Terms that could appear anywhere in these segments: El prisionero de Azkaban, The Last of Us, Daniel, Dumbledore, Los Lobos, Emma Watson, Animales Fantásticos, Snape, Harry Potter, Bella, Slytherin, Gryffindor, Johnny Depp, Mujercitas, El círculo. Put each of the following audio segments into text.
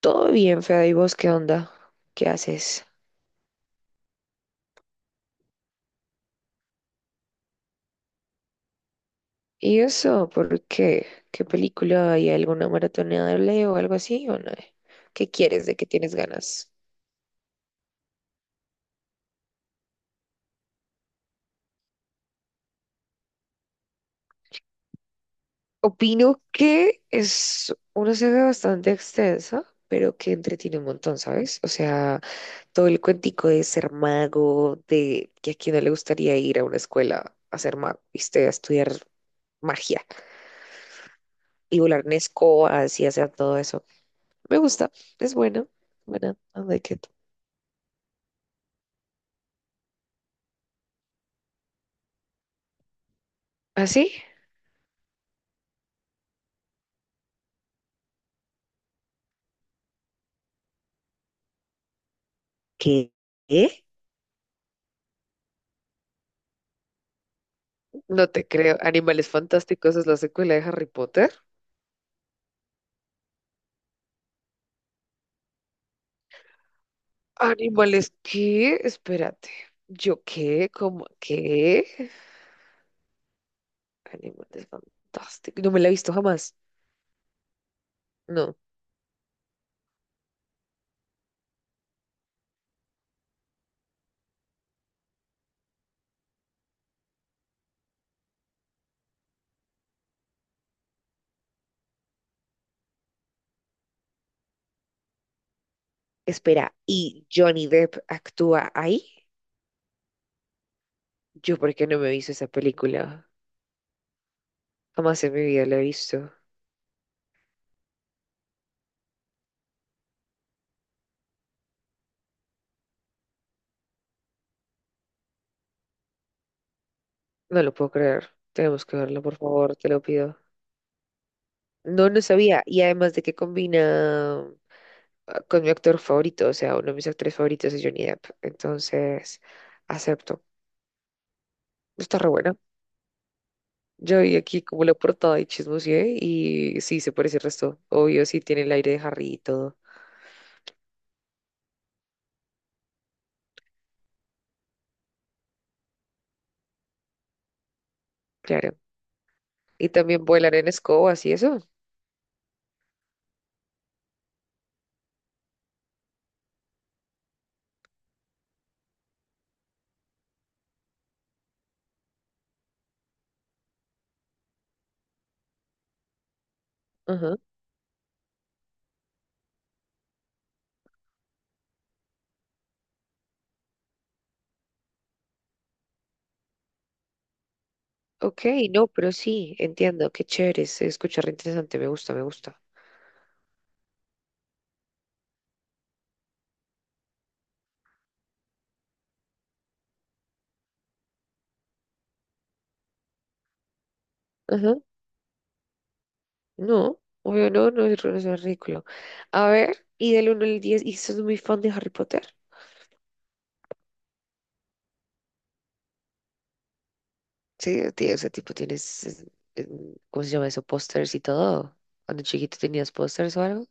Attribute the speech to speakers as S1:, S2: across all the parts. S1: Todo bien, Fede, ¿y vos qué onda? ¿Qué haces? ¿Y eso por qué? ¿Qué película hay alguna maratoneable o algo así o no? ¿Qué quieres? ¿De qué tienes ganas? Opino que es una saga bastante extensa, pero que entretiene un montón, ¿sabes? O sea, todo el cuentico de ser mago, de que a quién no le gustaría ir a una escuela a ser mago, ¿viste? A estudiar magia y volar en escobas y hacer todo eso. Me gusta, es buena, buena, ¿no? ¿De qué ¿Así? ¿Qué? ¿Eh? No te creo. Animales Fantásticos es la secuela de Harry Potter. ¿Animales qué? Espérate. ¿Yo qué? ¿Cómo qué? Animales Fantásticos. No me la he visto jamás. No. Espera, ¿y Johnny Depp actúa ahí? ¿Yo por qué no me he visto esa película? Jamás en mi vida la he visto. No lo puedo creer. Tenemos que verla, por favor, te lo pido. No, no sabía. Y además de que combina con mi actor favorito, o sea, uno de mis actores favoritos es Johnny Depp. Entonces, acepto. Está re buena. Yo vi aquí como la portada y chismoseé y sí, se parece el resto. Obvio, sí, tiene el aire de Harry y todo. Claro. Y también vuelan en escobas y eso. Ajá. Ok, no, pero sí, entiendo. Qué chévere, se escucha re interesante. Me gusta, me gusta. Ajá. No, obvio, no, no, es no es ridículo. A ver, ¿y del uno al 10 y sos muy fan de Harry Potter? Sí, o sea, tipo, tienes, ¿cómo se llama eso? Pósters y todo. Cuando chiquito tenías pósters o algo.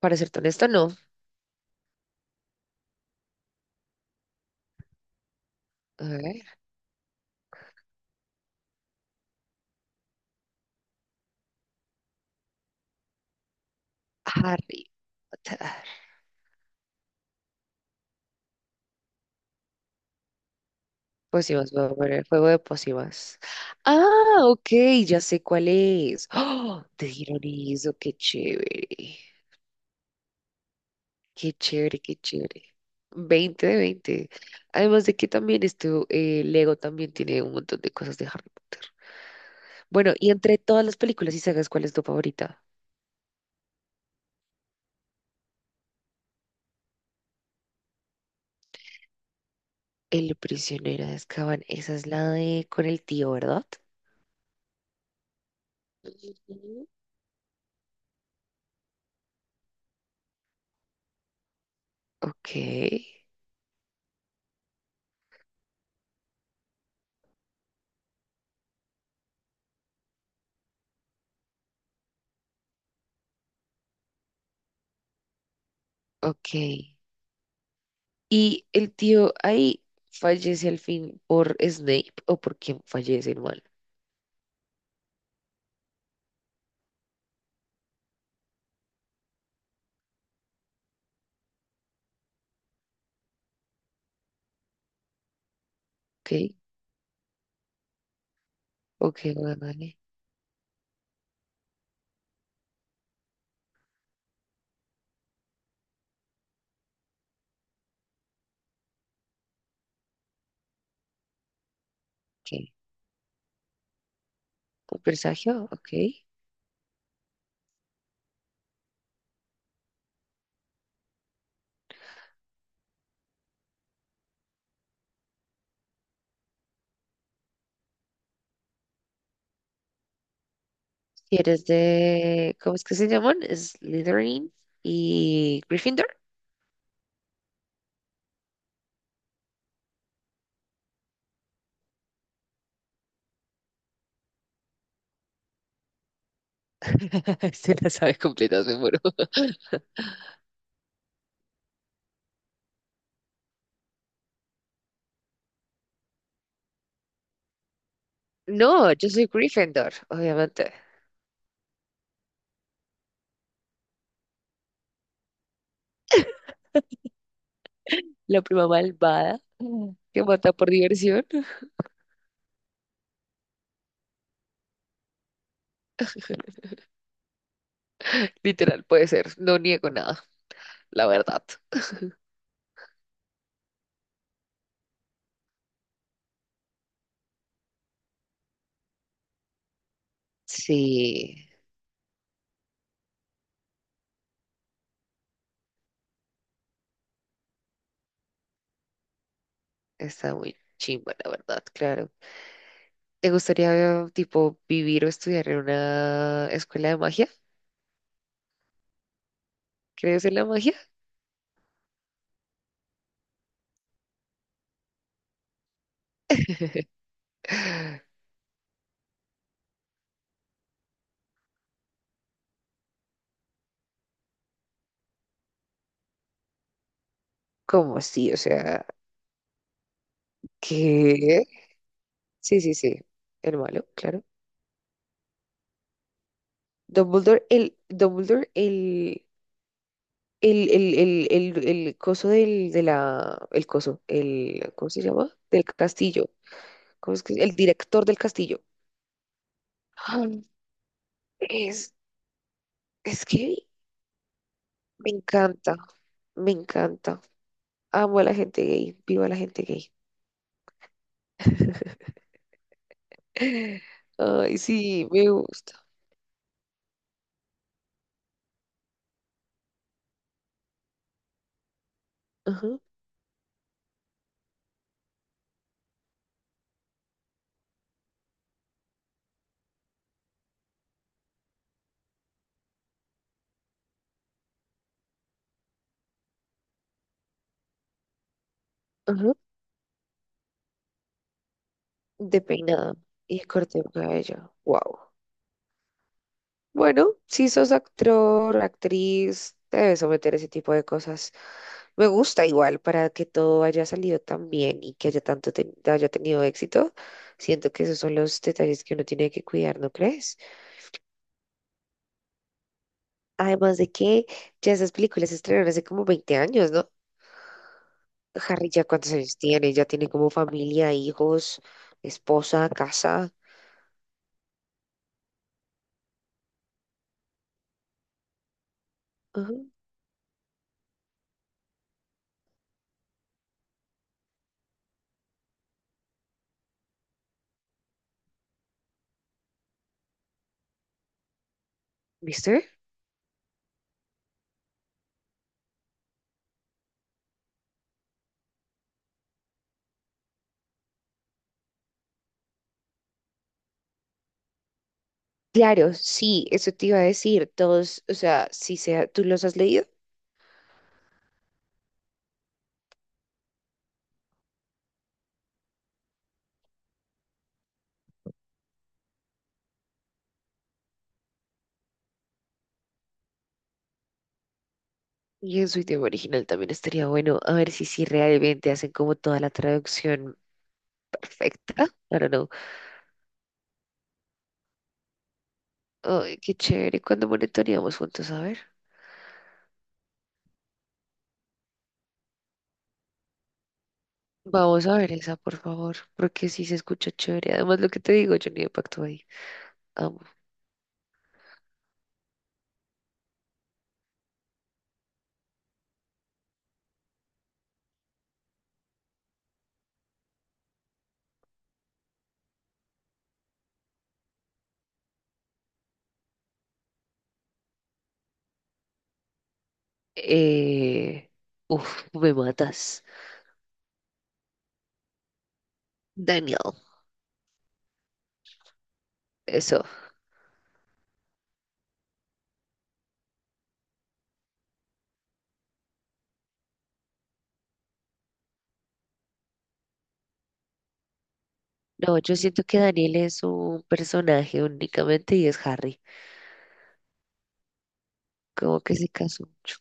S1: Para serte honesto, no. A ver, Harry Potter. Pócimas, voy a poner juego de pócimas. Ah, ok, ya sé cuál es. ¡Oh! Te dieron eso, qué chévere. Qué chévere, qué chévere. 20 de 20. Además de que también esto, Lego también tiene un montón de cosas de Harry Potter. Bueno, y entre todas las películas y sagas, ¿cuál es tu favorita? El prisionero de Azkaban, esa es la de con el tío, ¿verdad? Ujú. Ok, ok. ¿Y el tío ahí fallece al fin por Snape o por quién fallece el mal? Ok, ok, vale, vale. Ok. ¿Un presagio? Ok. Si eres de... ¿Cómo es que se llaman? Slytherin y Gryffindor. Se la sabe completa, me muero. No, yo soy Gryffindor, obviamente. La prima malvada que mata por diversión. Literal, puede ser. No niego nada, la verdad. Sí, está muy chimba, la verdad, claro. ¿Te gustaría, tipo, vivir o estudiar en una escuela de magia? ¿Crees en la magia? ¿Cómo sí? O sea, ¿qué? Sí, sí, sí. El malo, claro. Dumbledore, el coso del, de la, el coso, el, ¿cómo se llama? Del castillo. ¿Cómo es que? El director del castillo. Ah, Es, es que me encanta, me encanta. Amo a la gente gay, viva la gente gay. Ay, sí, me gusta. Ajá, ajá. De peinado y de corte de cabello. Wow. Bueno, si sos actor, actriz, te debes someter a ese tipo de cosas. Me gusta igual para que todo haya salido tan bien y que haya tanto haya tenido éxito. Siento que esos son los detalles que uno tiene que cuidar, ¿no crees? Además de que ya esas películas se estrenaron hace como 20 años, ¿no? Harry ya cuántos años tiene, ya tiene como familia, hijos, esposa, casa. Ujú. ¿Viste? Claro, sí, eso te iba a decir. Todos, o sea, si sea, tú los has leído y en su idioma original también estaría bueno a ver si realmente hacen como toda la traducción perfecta. I don't know. Ay, qué chévere. ¿Cuando monitoreamos juntos? A ver. Vamos a ver esa, por favor, porque sí se escucha chévere. Además, lo que te digo, yo ni impacto ahí. Eh, Uf, me matas. Daniel, eso. No, yo siento que Daniel es un personaje únicamente y es Harry. Como que se casó mucho.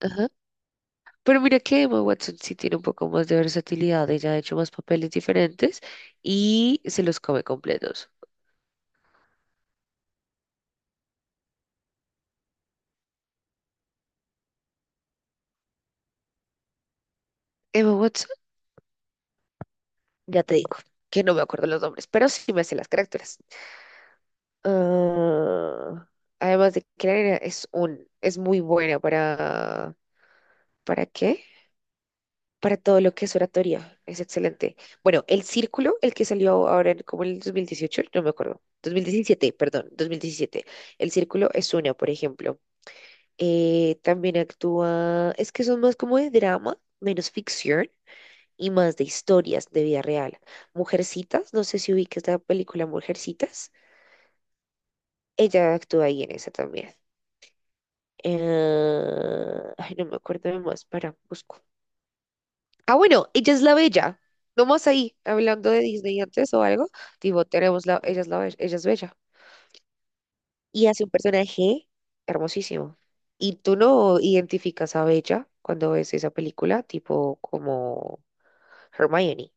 S1: Ajá. Pero mira que Emma Watson sí tiene un poco más de versatilidad. Ella ha hecho más papeles diferentes y se los come completos. Emma Watson, ya te digo, que no me acuerdo los nombres, pero sí me sé las caricaturas. Ah, además de que la nena es muy buena ¿para qué? Para todo lo que es oratoria. Es excelente. Bueno, el círculo, el que salió ahora como en el 2018 no me acuerdo. 2017, perdón, 2017. El círculo es una, por ejemplo. También actúa, es que son más como de drama, menos ficción y más de historias de vida real. Mujercitas, no sé si ubicas la película Mujercitas. Ella actúa ahí en esa también. Ay, no me acuerdo de más, para, busco. Ah, bueno, Ella es la Bella. Nomás ahí, hablando de Disney antes o algo. Tipo, tenemos Ella es la Bella, Ella es Bella. Y hace un personaje hermosísimo. Y tú no identificas a Bella cuando ves esa película, tipo como Hermione.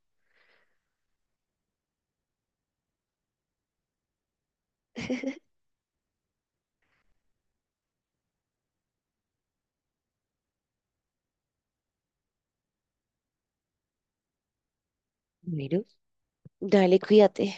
S1: Bueno, dale, cuídate.